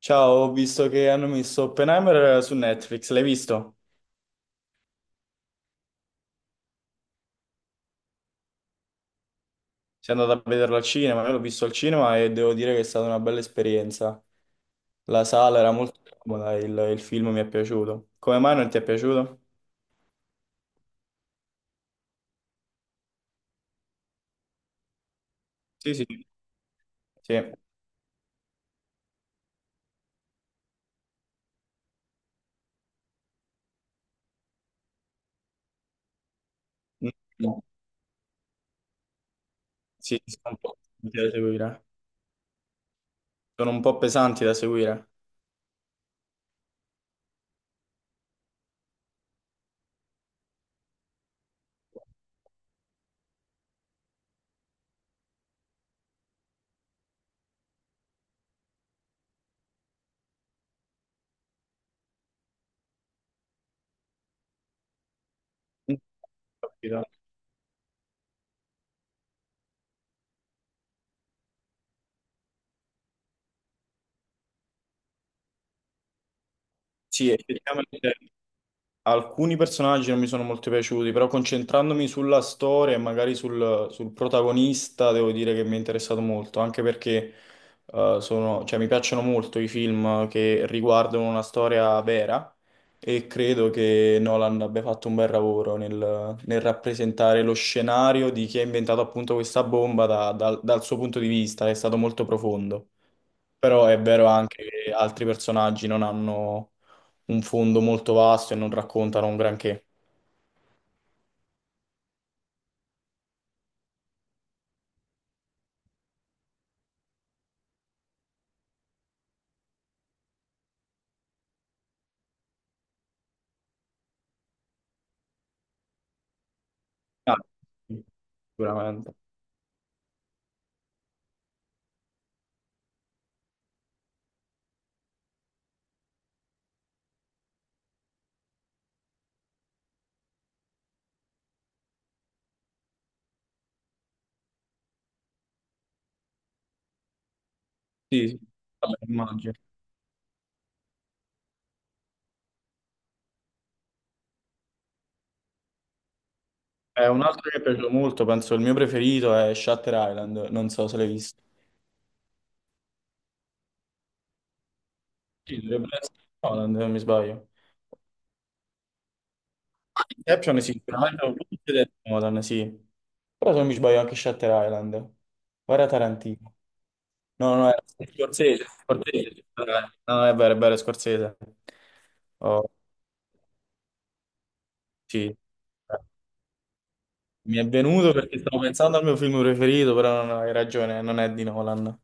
Ciao, ho visto che hanno messo Oppenheimer su Netflix, l'hai visto? Sei andato a vederlo al cinema, io l'ho visto al cinema e devo dire che è stata una bella esperienza. La sala era molto comoda, il film mi è piaciuto. Come mai non ti è piaciuto? Sì, sì. Sì, mm, no. Sì, sono un po' pesanti da seguire. Sono un po' pesanti da seguire. Mm, ho capito. Sì, effettivamente alcuni personaggi non mi sono molto piaciuti, però concentrandomi sulla storia e magari sul protagonista, devo dire che mi è interessato molto, anche perché mi piacciono molto i film che riguardano una storia vera e credo che Nolan abbia fatto un bel lavoro nel rappresentare lo scenario di chi ha inventato appunto questa bomba dal suo punto di vista, è stato molto profondo, però è vero anche che altri personaggi non hanno un fondo molto vasto e non raccontano un granché. Ah, sì, sicuramente. Sì, sì. Vabbè, immagino. Un altro che è piaciuto molto, penso il mio preferito, è Shutter Island, non so se l'hai visto. Sì, dovrebbe essere Nolan, se non mi sbaglio. Inception sì, sicuramente è un film di Nolan, sì. Però se non mi sbaglio anche Shutter Island. Guarda Tarantino. No, no, è Scorsese, Scorsese. No, è vero, è vero, è Scorsese. Oh. Sì. Mi è venuto perché stavo pensando al mio film preferito, però non hai ragione, non è di Nolan.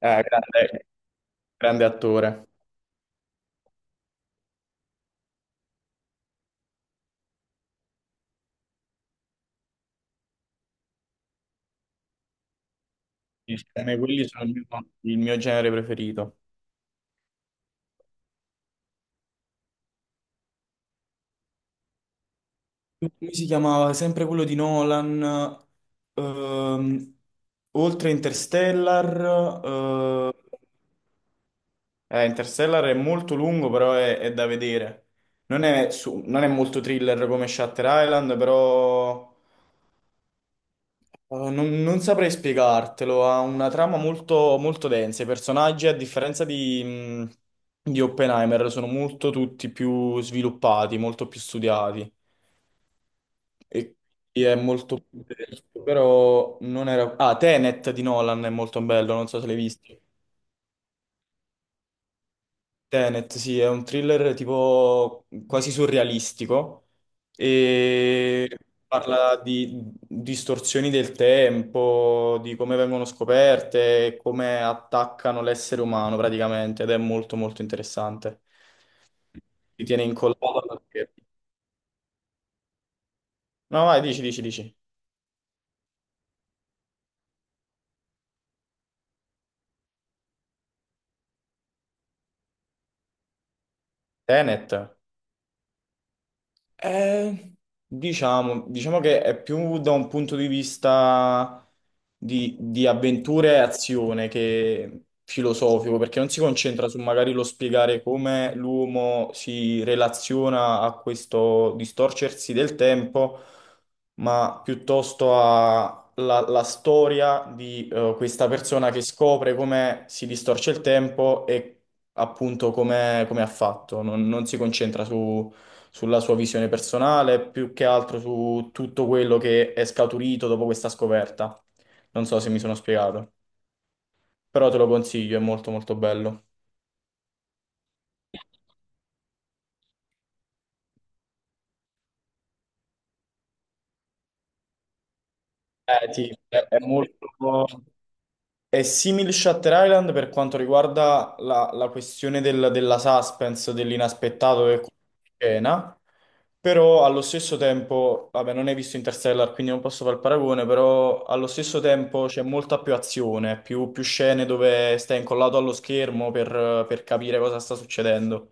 Grande, grande attore. Sì, sì, quelli sono il mio genere preferito. Come si chiamava? Sempre quello di Nolan. ehm, oltre Interstellar. Interstellar è molto lungo, però è da vedere. Non è molto thriller come Shutter Island, però non, non saprei spiegartelo, ha una trama molto, molto densa. I personaggi, a differenza di Oppenheimer, sono molto tutti più sviluppati, molto più studiati. E è molto più denso, però non era... Ah, Tenet di Nolan è molto bello, non so se l'hai visto. Tenet, sì, è un thriller tipo quasi surrealistico e parla di distorsioni del tempo, di come vengono scoperte e come attaccano l'essere umano praticamente, ed è molto molto interessante. Ti tiene incollato alla schermo. No, vai, dici, dici, dici. Tenet. Eh, diciamo, diciamo che è più da un punto di vista di avventure e azione che filosofico, perché non si concentra su magari lo spiegare come l'uomo si relaziona a questo distorcersi del tempo, ma piuttosto alla storia di questa persona che scopre come si distorce il tempo e appunto come, come ha fatto. Non si concentra su sulla sua visione personale, più che altro su tutto quello che è scaturito dopo questa scoperta. Non so se mi sono spiegato, però te lo consiglio, è molto molto bello. Eh sì, è molto... È simile Shutter Island per quanto riguarda la questione della suspense, dell'inaspettato che scena, però allo stesso tempo, vabbè, non hai visto Interstellar, quindi non posso fare il paragone, però allo stesso tempo c'è molta più azione, più, più scene dove stai incollato allo schermo per capire cosa sta succedendo.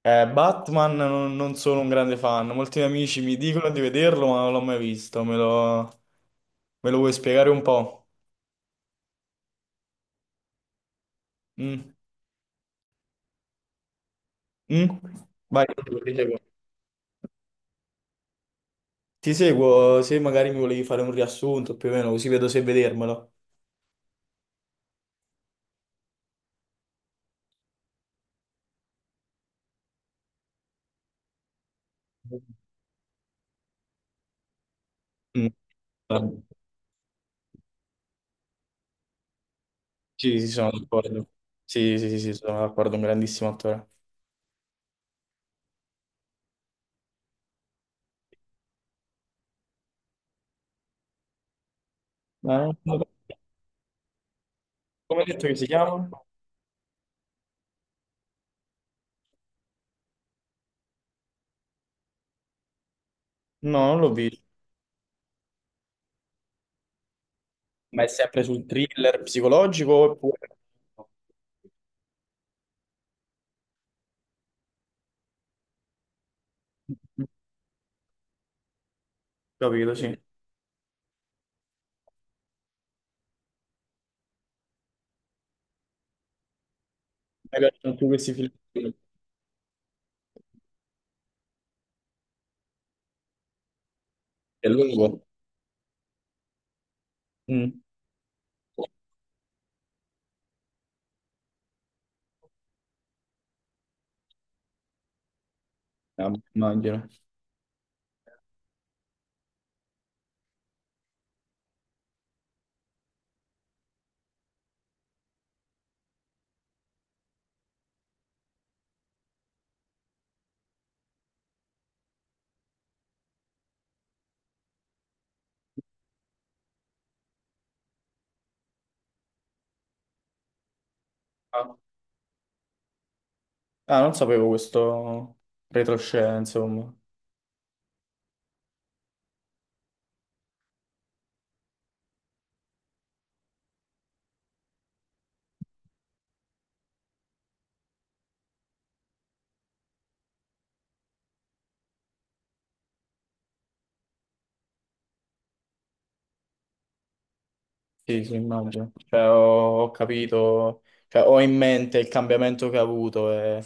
Batman non, non sono un grande fan, molti miei amici mi dicono di vederlo, ma non l'ho mai visto, me lo vuoi spiegare un po'? Mm. Mm? Vai, ti seguo. Ti seguo se magari mi volevi fare un riassunto più o meno, così vedo se vedermelo. Mm, vabbè. Sì, sì, sono d'accordo. Sì, sì, sì, sì, sono d'accordo, un grandissimo attore. Ma non- non- Come hai detto che si chiama? No, non l'ho visto. Ma è sempre sul thriller psicologico oppure... Capito, sì. Mi piacciono più questi film. È lungo. Mm. Ah, immagino. Ah, ah, non sapevo questo retroscena, insomma. Sì, sì, immagino. Cioè, ho capito, cioè, ho in mente il cambiamento che ha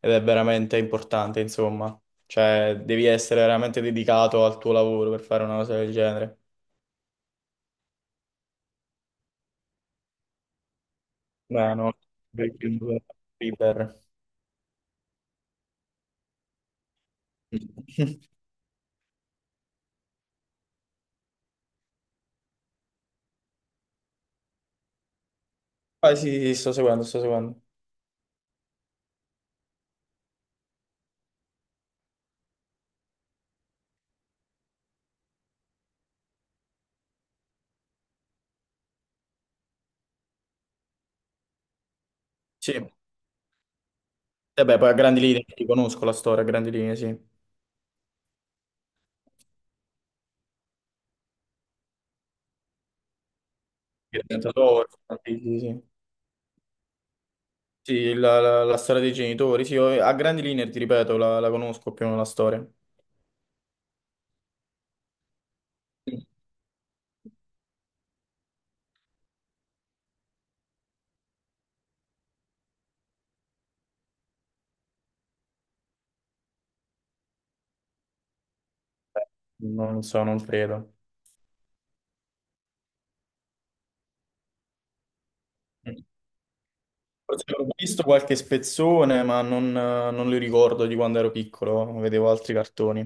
ed è veramente importante, insomma. Cioè, devi essere veramente dedicato al tuo lavoro per fare una cosa del genere. Beh, no, River. Ah, sì, sì, sto seguendo, sto seguendo. Sì, e beh, poi a grandi linee ti conosco la storia, a grandi linee, sì. Il tentatore, sì, sì, sì. Sì, la storia dei genitori, sì, io- a grandi linee, ti ripeto, la conosco più o meno la storia. Sì. Non so, non credo. Forse ho visto qualche spezzone, ma non, non li ricordo di quando ero piccolo, vedevo altri cartoni.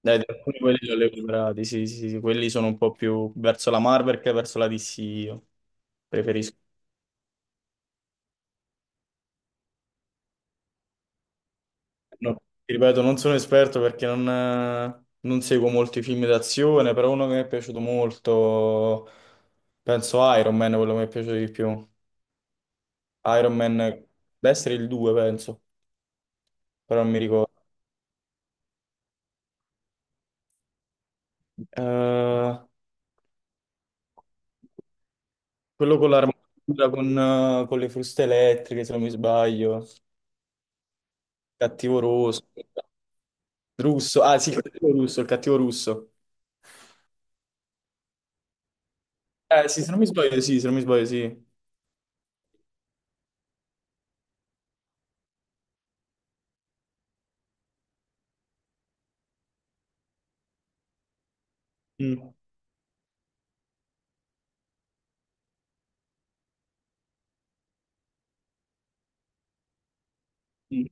Dai, di alcuni quelli li ho recuperati, sì, sì, sì, quelli sono un po' più verso la Marvel che verso la DC io. Preferisco. No, ti ripeto, non sono esperto perché non seguo molti film d'azione, però uno che mi è piaciuto molto, penso Iron Man, quello che mi è piaciuto di più. Iron Man, deve essere il 2, penso, però non mi ricordo. Eh, quello con l'armatura, con le fruste elettriche, se non mi sbaglio. Cattivo rosso. Russo. Ah, sì, il cattivo russo, il cattivo russo. Sì, se non mi sbaglio, sì, se non mi sbaglio, sì. Mm. Mm.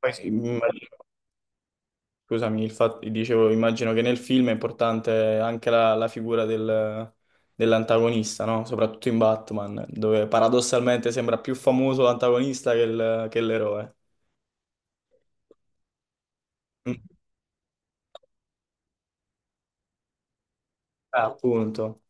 Poi sì, immagino- scusami, il fatto, dicevo, immagino che nel film è importante anche la figura dell'antagonista, no? Soprattutto in Batman, dove paradossalmente sembra più famoso l'antagonista che l'eroe. Mm. Ah, appunto.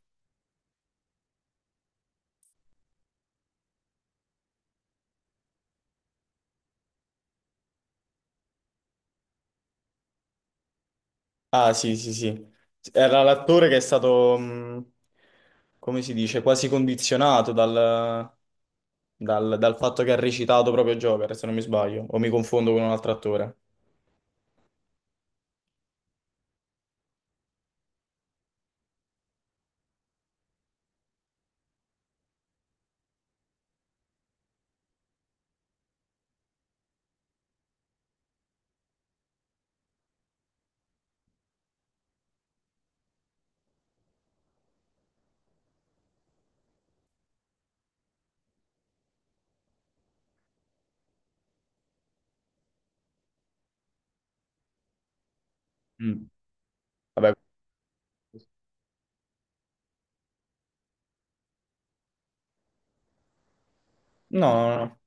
Ah, sì, sì, sì. Era l'attore che è stato, come si dice, quasi condizionato dal fatto che ha recitato proprio Joker, se non mi sbaglio, o mi confondo con un altro attore. Mm. Vabbè, no, no, no.